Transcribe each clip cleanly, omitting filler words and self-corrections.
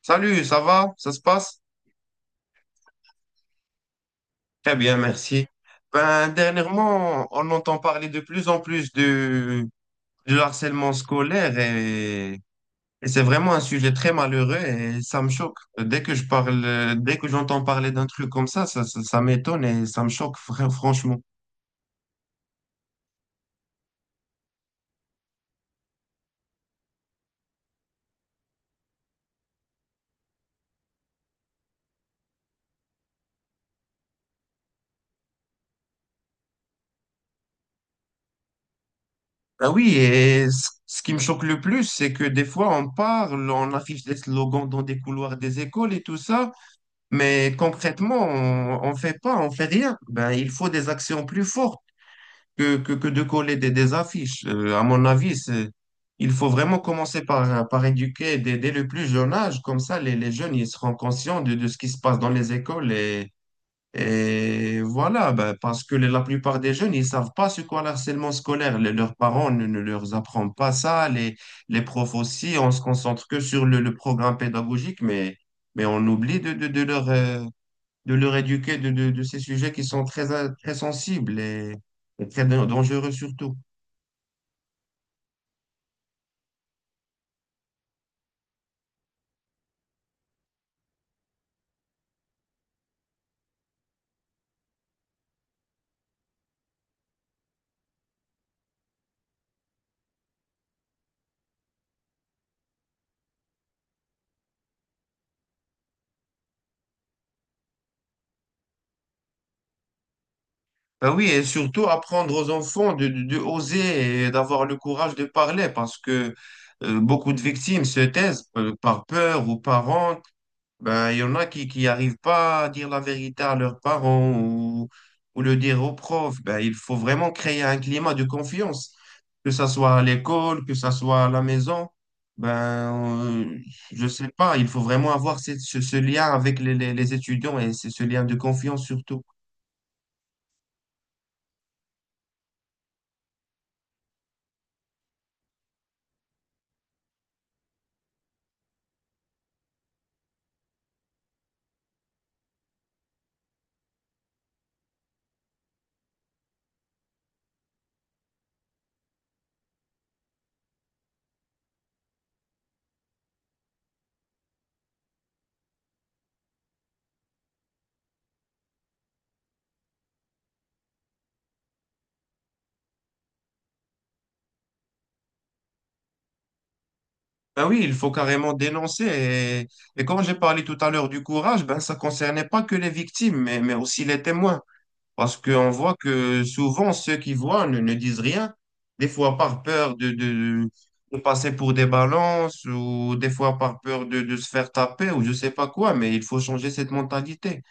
Salut, ça va? Ça se passe? Très bien, merci. Ben, dernièrement, on entend parler de plus en plus du harcèlement scolaire et c'est vraiment un sujet très malheureux et ça me choque. Dès que je parle, dès que j'entends parler d'un truc comme ça, ça m'étonne et ça me choque franchement. Ah oui, et ce qui me choque le plus, c'est que des fois on parle, on affiche des slogans dans des couloirs des écoles et tout ça, mais concrètement, on fait pas, on fait rien. Ben, il faut des actions plus fortes que de coller des affiches. À mon avis, il faut vraiment commencer par éduquer dès le plus jeune âge. Comme ça, les jeunes, ils seront conscients de ce qui se passe dans les écoles. Et voilà, ben, parce que la plupart des jeunes, ils savent pas ce qu'est le harcèlement scolaire. Les leurs parents ne leur apprennent pas ça. Les profs aussi, on se concentre que sur le programme pédagogique, mais on oublie de leur éduquer de ces sujets qui sont très, très sensibles et très dangereux surtout. Ben oui, et surtout apprendre aux enfants de oser et d'avoir le courage de parler parce que beaucoup de victimes se taisent par peur ou par honte. Ben, il y en a qui arrivent pas à dire la vérité à leurs parents ou le dire aux profs. Ben, il faut vraiment créer un climat de confiance, que ça soit à l'école, que ça soit à la maison. Ben, euh, je sais pas, il faut vraiment avoir ce lien avec les étudiants et c'est ce lien de confiance surtout. Ben oui, il faut carrément dénoncer. Et comme j'ai parlé tout à l'heure du courage, ben ça concernait pas que les victimes, mais aussi les témoins. Parce qu'on voit que souvent, ceux qui voient ne disent rien, des fois par peur de passer pour des balances ou des fois par peur de se faire taper ou je sais pas quoi, mais il faut changer cette mentalité.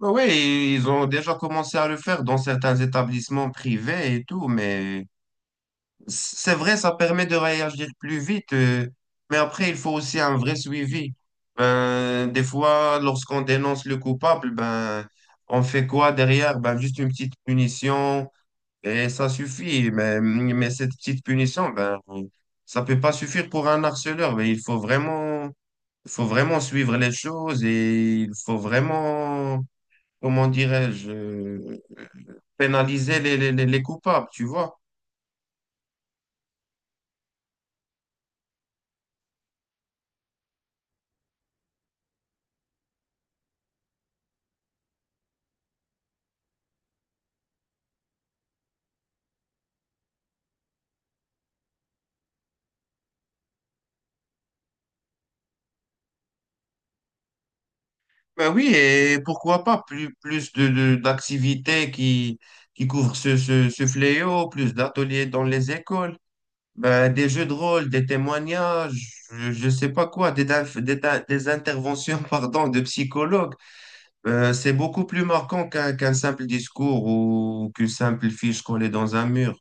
Oui, ils ont déjà commencé à le faire dans certains établissements privés et tout, mais c'est vrai, ça permet de réagir plus vite, mais après, il faut aussi un vrai suivi. Ben, des fois, lorsqu'on dénonce le coupable, ben, on fait quoi derrière? Ben, juste une petite punition et ça suffit. Mais cette petite punition, ben, ça peut pas suffire pour un harceleur. Il faut vraiment suivre les choses et il faut vraiment, comment dirais-je, pénaliser les coupables, tu vois? Ben oui, et pourquoi pas plus d'activités qui couvrent ce fléau, plus d'ateliers dans les écoles, ben, des jeux de rôle, des témoignages, je ne sais pas quoi, des, daf- des, ta- des interventions pardon, de psychologues. C'est beaucoup plus marquant qu'un simple discours ou qu'une simple fiche collée dans un mur.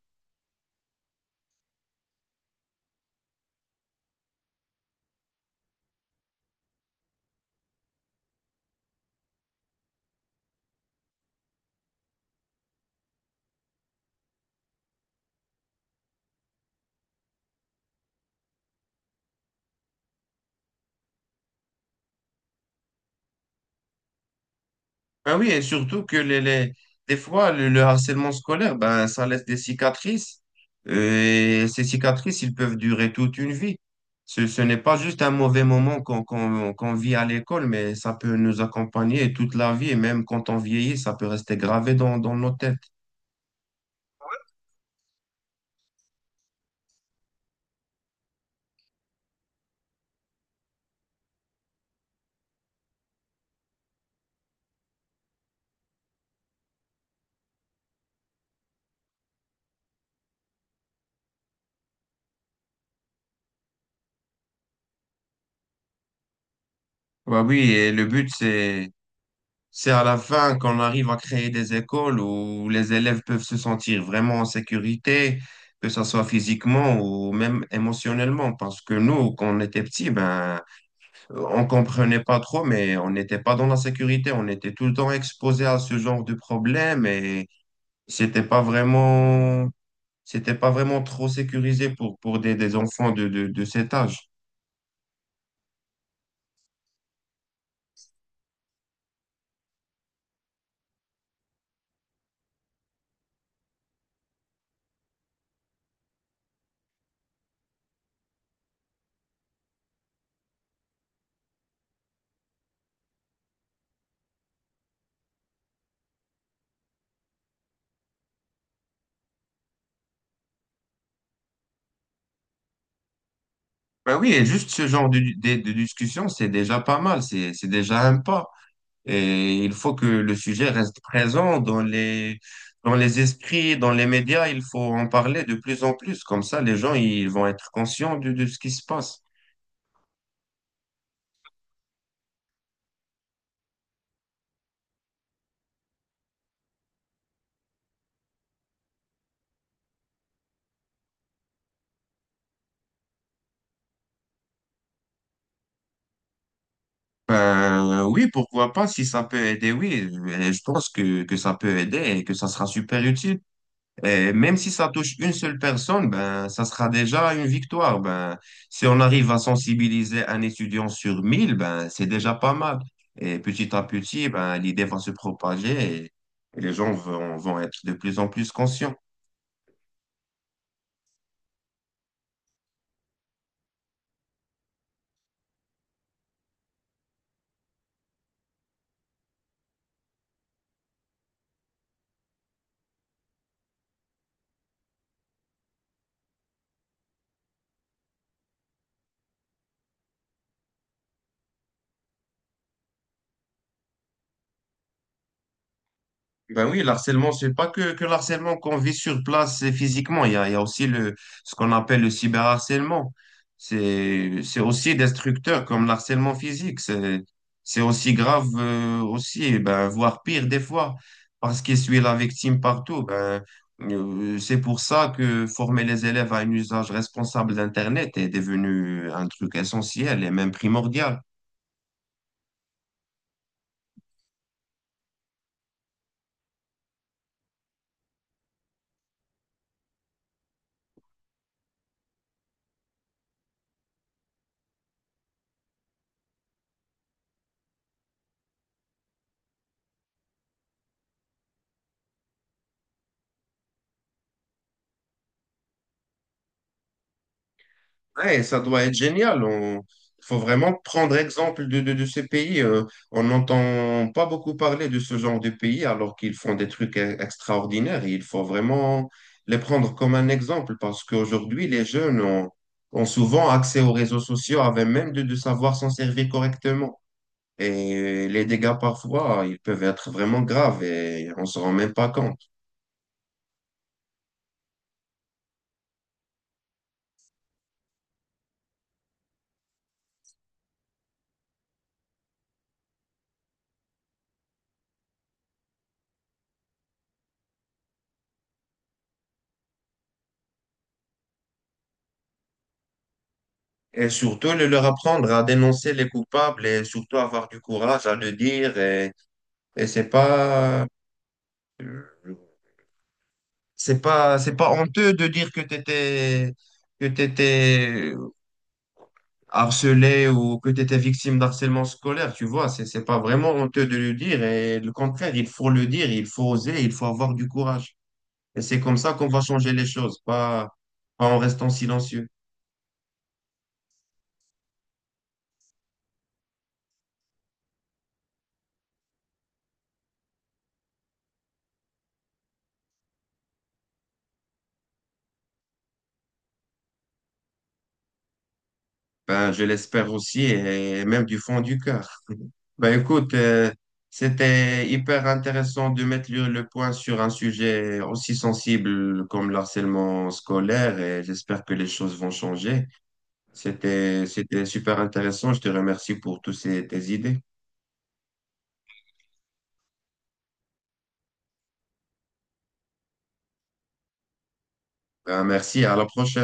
Ben oui, et surtout que des fois, le harcèlement scolaire, ben, ça laisse des cicatrices. Et ces cicatrices, ils peuvent durer toute une vie. Ce n'est pas juste un mauvais moment qu'on vit à l'école, mais ça peut nous accompagner toute la vie. Et même quand on vieillit, ça peut rester gravé dans nos têtes. Ouais, oui, et le but, c'est à la fin qu'on arrive à créer des écoles où les élèves peuvent se sentir vraiment en sécurité, que ce soit physiquement ou même émotionnellement. Parce que nous, quand on était petits, ben, on comprenait pas trop, mais on n'était pas dans la sécurité. On était tout le temps exposé à ce genre de problème et c'était pas vraiment, c'était pas vraiment trop sécurisé pour, des enfants de cet âge. Ben oui, et juste ce genre de discussion, c'est déjà pas mal, c'est déjà un pas. Et il faut que le sujet reste présent dans les esprits, dans les médias. Il faut en parler de plus en plus. Comme ça, les gens, ils vont être conscients de ce qui se passe. Ben, oui, pourquoi pas, si ça peut aider, oui. Et je pense que ça peut aider et que ça sera super utile. Et même si ça touche une seule personne, ben, ça sera déjà une victoire. Ben, si on arrive à sensibiliser un étudiant sur 1000, ben, c'est déjà pas mal. Et petit à petit, ben, l'idée va se propager, et les gens vont être de plus en plus conscients. Ben oui, le harcèlement, c'est pas que, que le harcèlement qu'on vit sur place physiquement. Il y a aussi ce qu'on appelle le cyberharcèlement. C'est aussi destructeur comme le harcèlement physique. C'est aussi grave, ben, voire pire des fois, parce qu'il suit la victime partout. C'est pour ça que former les élèves à un usage responsable d'Internet est devenu un truc essentiel et même primordial. Ouais, ça doit être génial. On... faut vraiment prendre exemple de ces pays. Euh, on n'entend pas beaucoup parler de ce genre de pays alors qu'ils font des trucs extraordinaires. Il faut vraiment les prendre comme un exemple parce qu'aujourd'hui, les jeunes ont souvent accès aux réseaux sociaux avant même de savoir s'en servir correctement. Et les dégâts parfois, ils peuvent être vraiment graves et on se rend même pas compte. Et surtout, le leur apprendre à dénoncer les coupables et surtout avoir du courage à le dire. Et c'est pas, c'est pas honteux de dire que t'étais harcelé ou que t'étais victime d'harcèlement scolaire, tu vois. C'est pas vraiment honteux de le dire. Et le contraire, il faut le dire, il faut oser, il faut avoir du courage. Et c'est comme ça qu'on va changer les choses, pas, pas en restant silencieux. Ben, je l'espère aussi et même du fond du cœur. Ben écoute, c'était hyper intéressant de mettre le point sur un sujet aussi sensible comme le harcèlement scolaire et j'espère que les choses vont changer. C'était super intéressant. Je te remercie pour toutes tes idées. Ben, merci, à la prochaine.